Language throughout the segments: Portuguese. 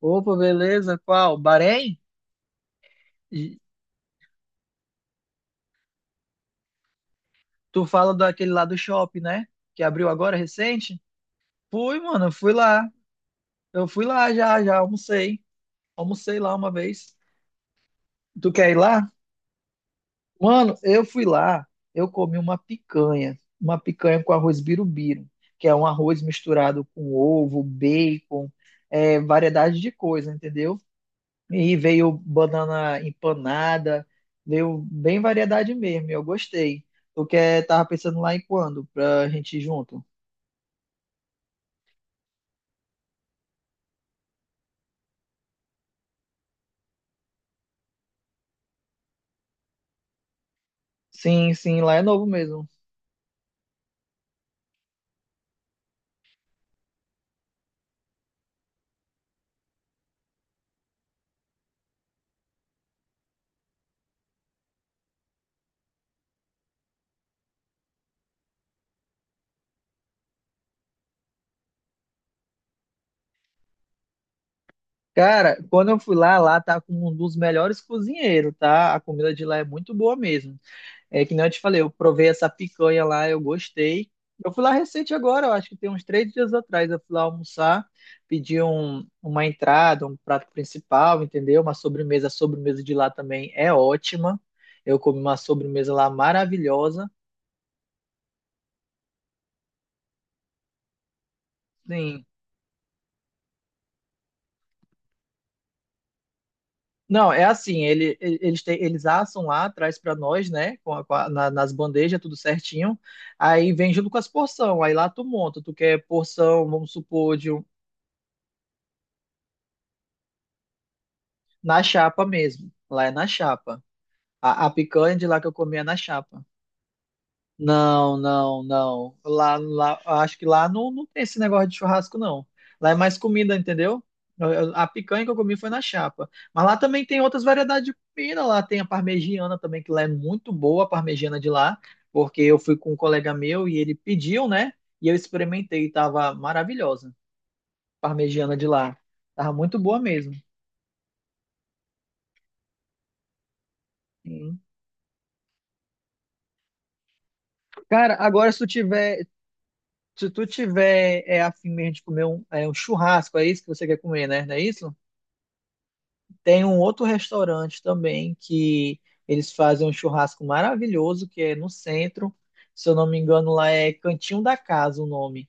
Opa, beleza? Qual? Bahrein? E Tu fala daquele lá do shopping, né? Que abriu agora recente? Fui, mano, eu fui lá. Eu fui lá já, já almocei. Almocei lá uma vez. Tu quer ir lá? Mano, eu fui lá. Eu comi uma picanha. Uma picanha com arroz birubiru, que é um arroz misturado com ovo, bacon, variedade de coisa, entendeu? E veio banana empanada, veio bem variedade mesmo, e eu gostei. Tu quer, tava pensando lá em quando, pra gente ir junto? Sim, sim, lá é novo mesmo. Cara, quando eu fui lá, lá tá com um dos melhores cozinheiros, tá? A comida de lá é muito boa mesmo. É que nem eu te falei, eu provei essa picanha lá, eu gostei. Eu fui lá recente agora, eu acho que tem uns três dias atrás. Eu fui lá almoçar, uma entrada, um prato principal, entendeu? Uma sobremesa. A sobremesa de lá também é ótima. Eu comi uma sobremesa lá maravilhosa. Sim. Não, é assim, eles assam lá, traz para nós, né? Nas bandejas, tudo certinho. Aí vem junto com as porção. Aí lá tu monta, tu quer porção, vamos supor, de um, na chapa mesmo. Lá é na chapa. A picanha de lá que eu comia na chapa. Não, não, não. Lá, acho que lá não, não tem esse negócio de churrasco, não. Lá é mais comida, entendeu? A picanha que eu comi foi na chapa. Mas lá também tem outras variedades de comida. Lá tem a parmegiana também, que lá é muito boa, a parmegiana de lá, porque eu fui com um colega meu e ele pediu, né? E eu experimentei e tava maravilhosa. Parmegiana de lá. Tava muito boa mesmo. Hum. Cara, agora se tu tiver. Se tu tiver afim mesmo de comer um churrasco, é isso que você quer comer, né? Não é isso? Tem um outro restaurante também que eles fazem um churrasco maravilhoso, que é no centro. Se eu não me engano, lá é Cantinho da Casa o nome.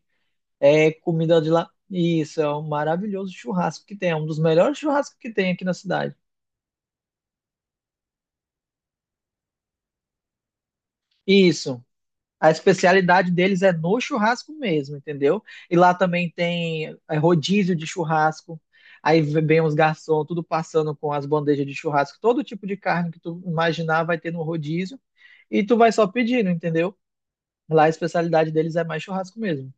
É comida de lá. Isso, é um maravilhoso churrasco que tem. É um dos melhores churrascos que tem aqui na cidade. Isso. A especialidade deles é no churrasco mesmo, entendeu? E lá também tem rodízio de churrasco. Aí vem os garçons, tudo passando com as bandejas de churrasco, todo tipo de carne que tu imaginar vai ter no rodízio. E tu vai só pedindo, entendeu? Lá a especialidade deles é mais churrasco mesmo.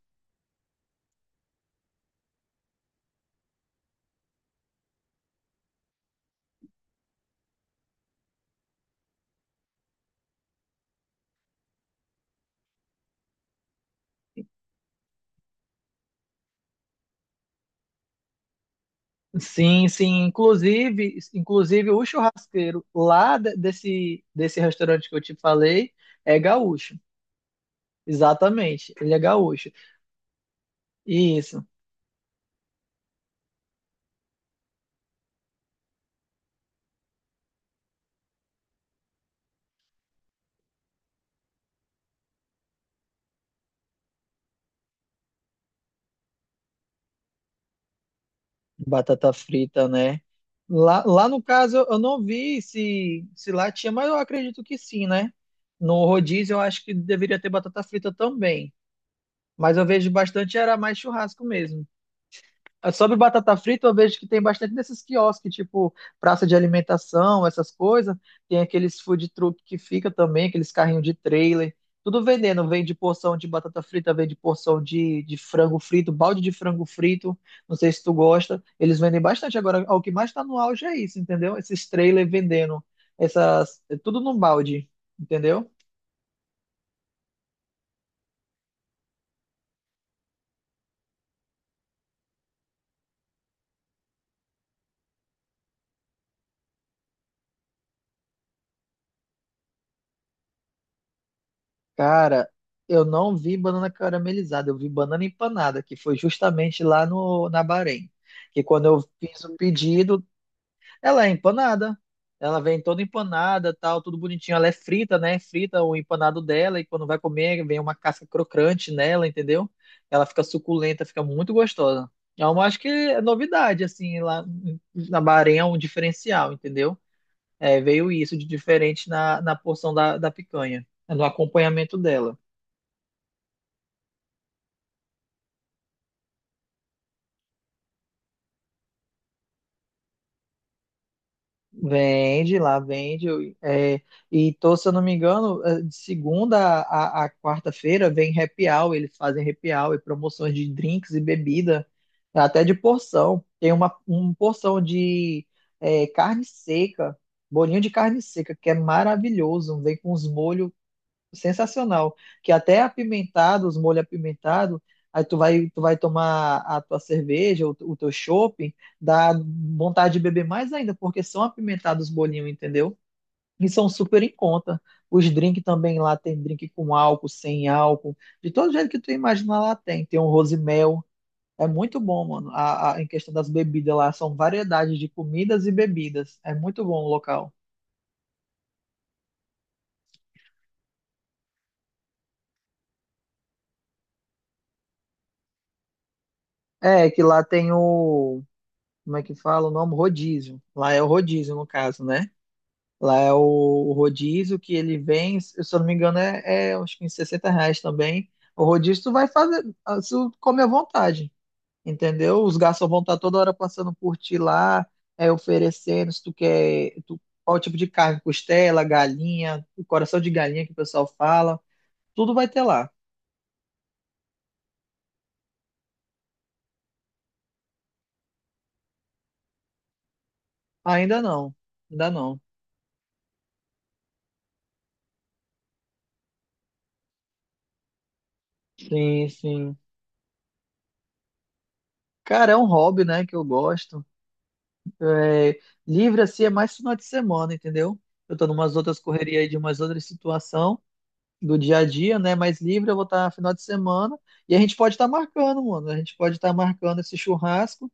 Sim, sim. Inclusive, o churrasqueiro lá desse restaurante que eu te falei é gaúcho. Exatamente, ele é gaúcho. Isso. Batata frita, né? Lá, no caso, eu não vi se lá tinha, mas eu acredito que sim, né? No rodízio, eu acho que deveria ter batata frita também. Mas eu vejo bastante, era mais churrasco mesmo. É, sobre batata frita, eu vejo que tem bastante nesses quiosques, tipo praça de alimentação, essas coisas. Tem aqueles food truck que fica também, aqueles carrinhos de trailer. Tudo vendendo. Vende porção de batata frita, vende porção de frango frito, balde de frango frito. Não sei se tu gosta. Eles vendem bastante. Agora, o que mais tá no auge é isso, entendeu? Esses trailers vendendo. Essas, é tudo num balde, entendeu? Cara, eu não vi banana caramelizada, eu vi banana empanada, que foi justamente lá no, na Bahrein. Que quando eu fiz o pedido, ela é empanada. Ela vem toda empanada, tal, tudo bonitinho. Ela é frita, né? Frita o empanado dela, e quando vai comer, vem uma casca crocante nela, entendeu? Ela fica suculenta, fica muito gostosa. Então, eu acho que é novidade, assim, lá na Bahrein é um diferencial, entendeu? É, veio isso de diferente na porção da picanha, no acompanhamento dela. Vende, lá vende. E tô, se eu não me engano, é, de segunda a quarta-feira vem happy hour, eles fazem happy hour e promoções de drinks e bebida, até de porção. Tem uma porção de carne seca, bolinho de carne seca, que é maravilhoso. Vem com os molhos sensacional, que até é apimentado, os molhos apimentados, aí tu vai tomar a tua cerveja, o teu shopping dá vontade de beber mais ainda, porque são apimentados os bolinhos, entendeu? E são super em conta. Os drinks também lá tem drink com álcool, sem álcool, de todo jeito que tu imagina lá tem. Tem um rosimel, é muito bom, mano. Em questão das bebidas lá, são variedades de comidas e bebidas. É muito bom o local. É, que lá tem o, como é que fala o nome? Rodízio. Lá é o rodízio, no caso, né? Lá é o rodízio que ele vem, se eu não me engano, é uns 15, 60 reais também. O rodízio tu vai fazer, ah, se tu come à vontade, entendeu? Os garçons vão estar toda hora passando por ti lá, é, oferecendo, se tu quer, tu, qual tipo de carne, costela, galinha, coração de galinha que o pessoal fala, tudo vai ter lá. Ainda não, ainda não. Sim, sim. Cara, é um hobby, né, que eu gosto. É, livre assim é mais final de semana, entendeu? Eu tô numas outras correrias aí de umas outras situação do dia a dia, né? Mas livre eu vou estar final de semana e a gente pode estar marcando, mano. A gente pode estar marcando esse churrasco.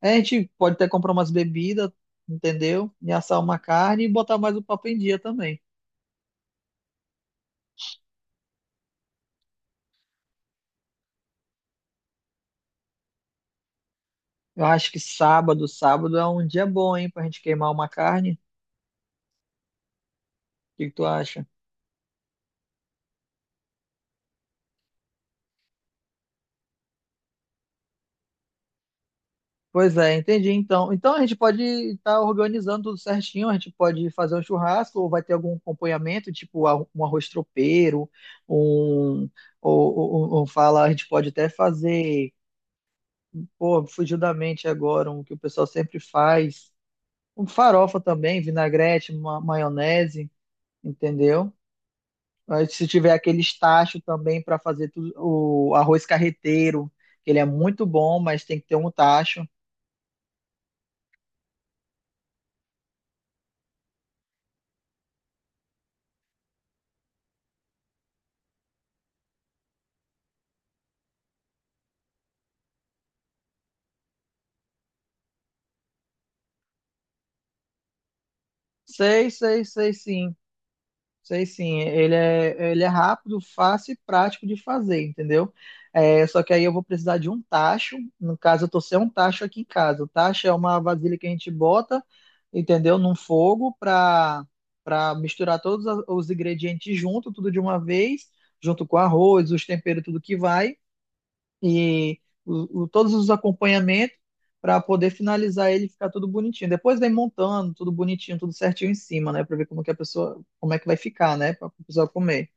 É, a gente pode até comprar umas bebidas, entendeu? E assar uma carne e botar mais o papo em dia também. Eu acho que sábado, sábado é um dia bom, hein, pra gente queimar uma carne. O que que tu acha? Pois é, entendi. Então, então a gente pode estar organizando tudo certinho, a gente pode fazer um churrasco, ou vai ter algum acompanhamento, tipo um arroz tropeiro, um, ou fala, a gente pode até fazer, pô, fugiu da mente agora, um que o pessoal sempre faz, um farofa também, vinagrete, maionese, entendeu? Aí, se tiver aquele tacho também para fazer tudo, o arroz carreteiro, que ele é muito bom, mas tem que ter um tacho. Sei, sei, sei, sim. Sei sim, ele é rápido, fácil e prático de fazer, entendeu? É, só que aí eu vou precisar de um tacho. No caso, eu tô sem um tacho aqui em casa. O tacho é uma vasilha que a gente bota, entendeu? Num fogo para misturar todos os ingredientes junto, tudo de uma vez, junto com arroz, os temperos, tudo que vai e todos os acompanhamentos para poder finalizar ele e ficar tudo bonitinho. Depois vem montando tudo bonitinho, tudo certinho em cima, né? Para ver como que a pessoa, como é que vai ficar, né? Para a pessoa comer.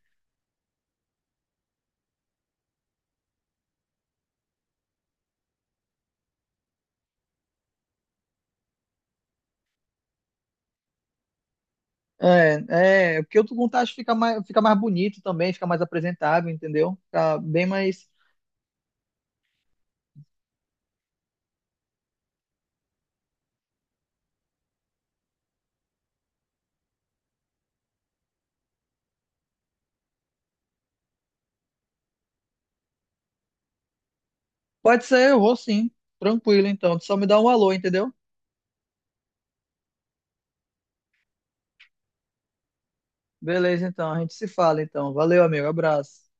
É, porque o montagem fica mais bonito também, fica mais apresentável, entendeu? Fica bem mais. Pode ser, eu vou sim. Tranquilo, então. Tu só me dá um alô, entendeu? Beleza, então. A gente se fala, então. Valeu, amigo. Abraço.